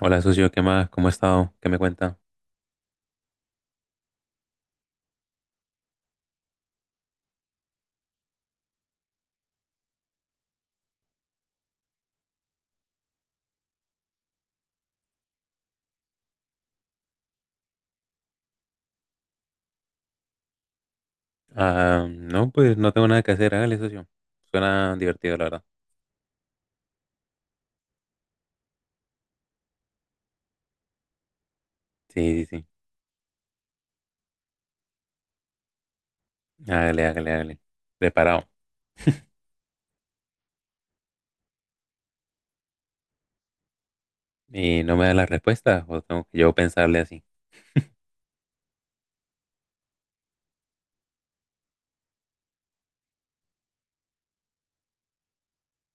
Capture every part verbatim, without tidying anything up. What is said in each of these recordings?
Hola, socio, ¿qué más? ¿Cómo ha estado? ¿Qué me cuenta? Ah, no, pues no tengo nada que hacer. Hágale, socio. Suena divertido, la verdad. Sí, sí, sí. Hágale, hágale, hágale. Preparado. ¿Y no me da las respuestas? ¿O tengo que yo pensarle así?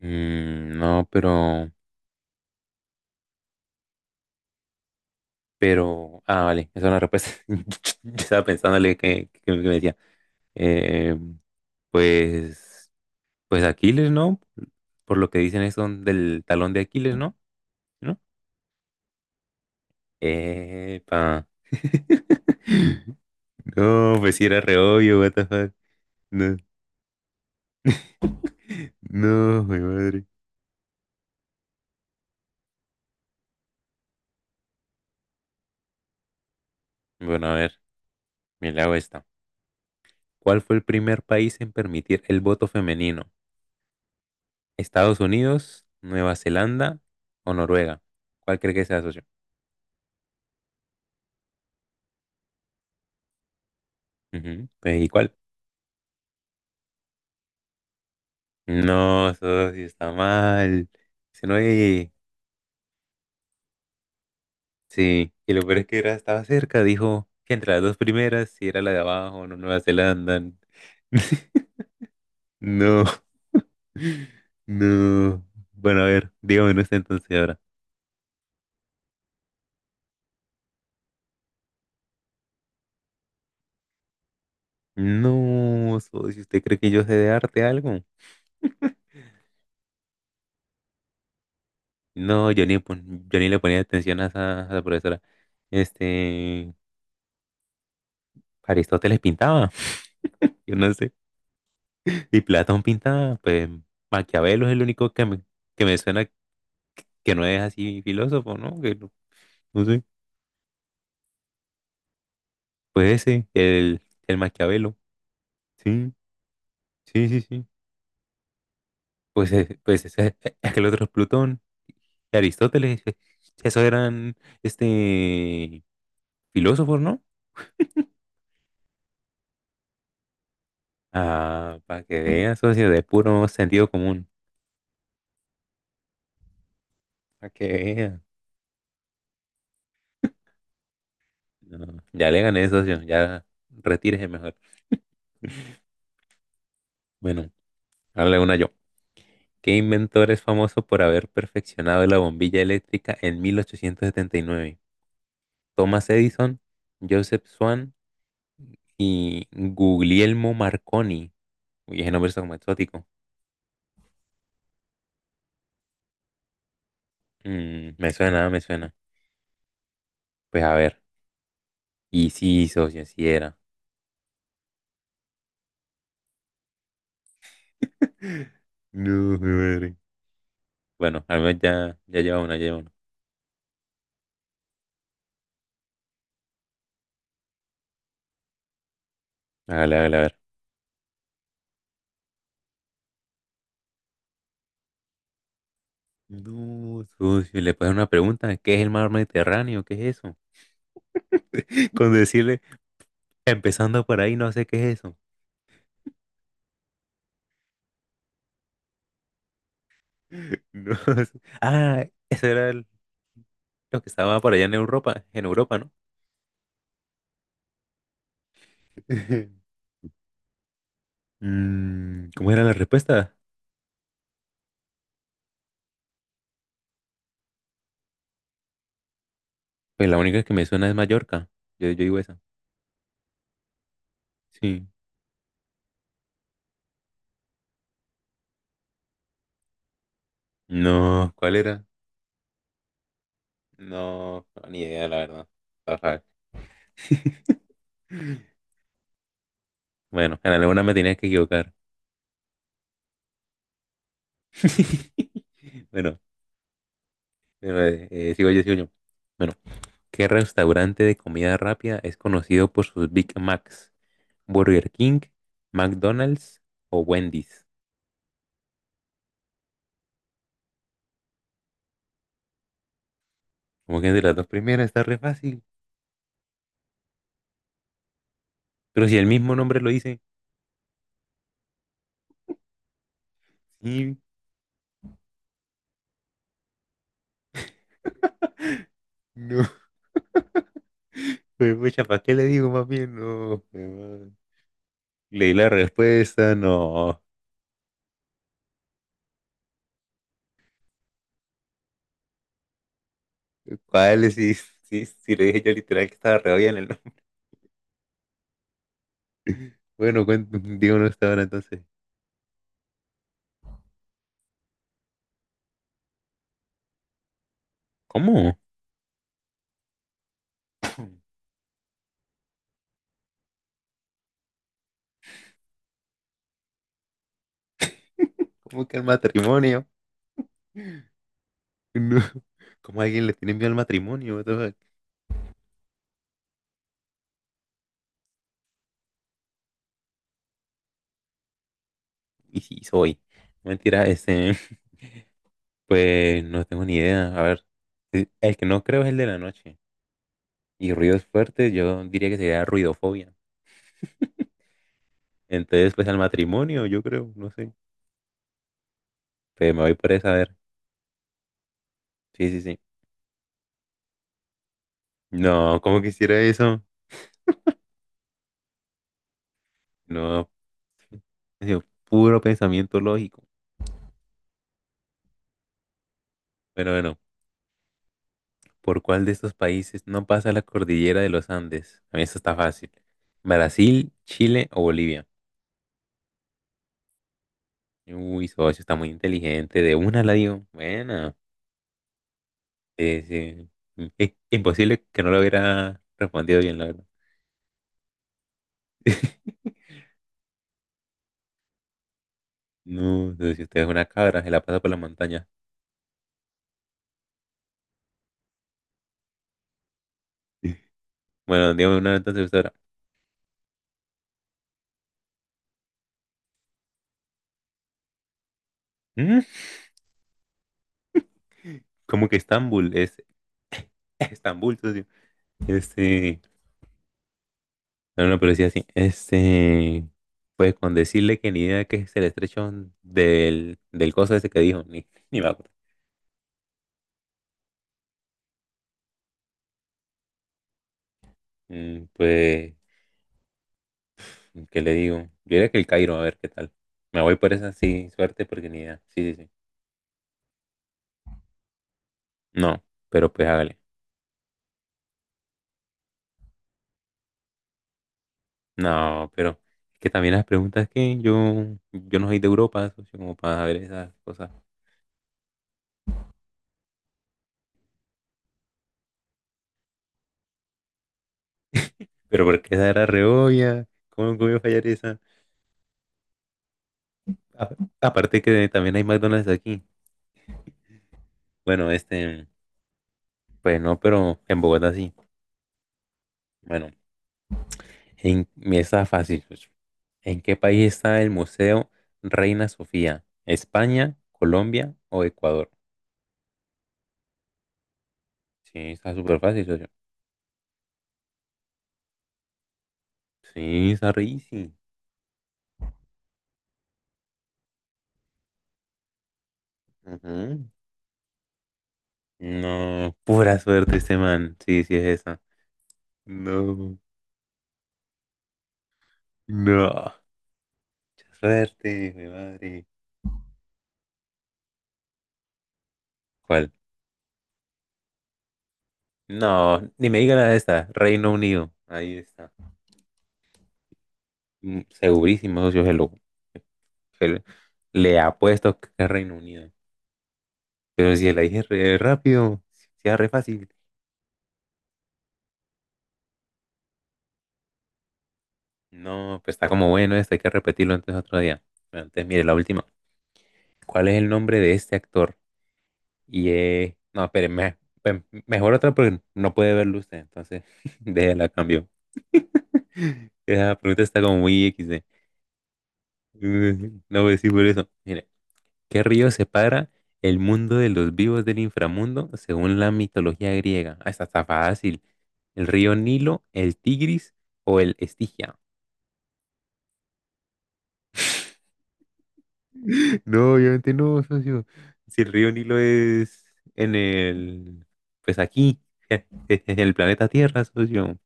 Mm, no, pero. Pero. Ah, vale. Esa es una respuesta. Yo estaba pensándole que, que, que me decía. Eh, pues... Pues Aquiles, ¿no? Por lo que dicen eso del talón de Aquiles, ¿no? ¿No? Epa. No, pues sí era re obvio, what the fuck. No, no, mi madre. Bueno, a ver, me la hago esta. ¿Cuál fue el primer país en permitir el voto femenino? ¿Estados Unidos, Nueva Zelanda o Noruega? ¿Cuál cree que sea, socio? Ujú, pues, ¿y cuál? No, socio, está mal. Si no, hay- sí. Y lo peor es que era, estaba cerca, dijo que entre las dos primeras, si era la de abajo, no Nueva Zelanda. No, no. Bueno, a ver, dígame usted entonces ahora. No, so, si, ¿usted cree que yo sé de arte algo? No, yo ni, pon- yo ni le ponía atención a esa, a la profesora. Este, Aristóteles pintaba, yo no sé. Y Platón pintaba, pues Maquiavelo es el único que me, que me suena que no es así filósofo, ¿no? Que no, no sé. Pues ese, el, el Maquiavelo. Sí, sí, sí, sí. Pues, eh, pues ese- es que el otro es Plutón. De Aristóteles, eh, esos eran este filósofos, ¿no? Ah, para que vean, socio, de puro sentido común. Para que vean. No, ya le gané, socio, ya retírese mejor. Bueno, dale una yo. ¿Qué inventor es famoso por haber perfeccionado la bombilla eléctrica en mil ochocientos setenta y nueve? Thomas Edison, Joseph Swan y Guglielmo Marconi. Uy, ese nombre es como exótico. Mm, me suena, me suena. Pues a ver. Y sí, socio, sí era. No, mi madre. Bueno, al menos ya, ya lleva una, lleva una. Hágale, hágale, a ver. No, socio, le puedo hacer una pregunta. ¿Qué es el mar Mediterráneo? ¿Qué es eso? Con decirle, empezando por ahí, no sé qué es eso. No, so- ah, eso era el- lo que estaba por allá en Europa, en Europa, ¿no? Mm, ¿cómo era la respuesta? Pues la única que me suena es Mallorca. Yo, yo digo esa. Sí. No, ¿cuál era? No, no, ni idea, la verdad. Ajá. Bueno, en alguna me tenías que equivocar. Bueno, pero, eh, eh, sigo yo, sigo yo. Bueno, ¿qué restaurante de comida rápida es conocido por sus Big Macs? ¿Burger King, McDonald's o Wendy's? Como que de las dos primeras está re fácil. Pero si el mismo nombre lo dice. Sí, no. Pues, pucha, ¿para qué le digo más bien? No. Pues, man. Leí la respuesta, no. ¿Cuál es? Sí, sí, si le dije yo literal que estaba re bien el nombre. Bueno, cuen- digo no estaba ahora entonces. ¿Cómo? ¿Cómo que el matrimonio? No. ¿Cómo a alguien le tiene miedo al matrimonio? What the fuck? Y sí, soy. No, mentira, este, pues no tengo ni idea. A ver, el el que no creo es el de la noche. Y ruidos fuertes, yo diría que sería ruidofobia. Entonces, pues al matrimonio, yo creo, no sé. Pues me voy por esa, a ver. Sí, sí, sí. No, ¿cómo quisiera eso? No, ha sido puro pensamiento lógico. Bueno, bueno. ¿Por cuál de estos países no pasa la cordillera de los Andes? A mí esto está fácil. ¿Brasil, Chile o Bolivia? Uy, socio, está muy inteligente. De una la dio. Bueno, sí, sí. I- imposible que no lo hubiera respondido bien, la verdad. No, si usted es una cabra, se la pasa por la montaña. Bueno, dígame una entonces, ahora. ¿Mm? ¿Cómo que Estambul? Es Estambul, socio. Este, No, no, pero sí así. Este, pues con decirle que ni idea que es el estrecho del, del cosa ese que dijo, ni, ni me acuerdo. Mm, pues, ¿qué le digo? Yo diría que el Cairo, a ver qué tal. Me voy por esa, sí, suerte, porque ni idea. Sí, sí, sí. No, pero pues hágale. No, pero es que también las preguntas que yo, yo no soy de Europa, socio, como para saber esas cosas. Pero porque esa era re obvia, ¿cómo, cómo iba a fallar esa? A- Aparte que también hay McDonald's aquí. Bueno, este. Pues no, pero en Bogotá sí. Bueno, en, mira, está fácil, pues. ¿En qué país está el Museo Reina Sofía? ¿España, Colombia o Ecuador? Sí, está súper fácil, socio. Sí, está re easy. Ujú. No, pura suerte este man. Sí, sí es esa. No, no. Mucha suerte, mi madre. ¿Cuál? No, ni me diga la de esta. Reino Unido. Ahí está. Mm, segurísimo, socio, se lo, se- le apuesto que es Reino Unido. Pero si la dije re rápido, si si era re fácil. No, pues está como bueno esto, hay que repetirlo antes otro día. Bueno, entonces, mire, la última. ¿Cuál es el nombre de este actor? Y eh, no, pero mejor otra porque no puede verlo usted, entonces déjela, cambio. Esa pregunta está como muy equis de. No voy a decir por eso. Mire, ¿qué río separa el mundo de los vivos del inframundo según la mitología griega? Ah, esta está fácil. ¿El río Nilo, el Tigris o el Estigia? No, obviamente no, socio. Si el río Nilo es en el, pues aquí, en el planeta Tierra, socio.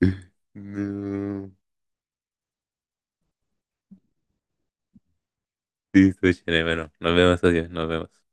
No. Listo, chévere, bueno, nos vemos, socio, nos vemos.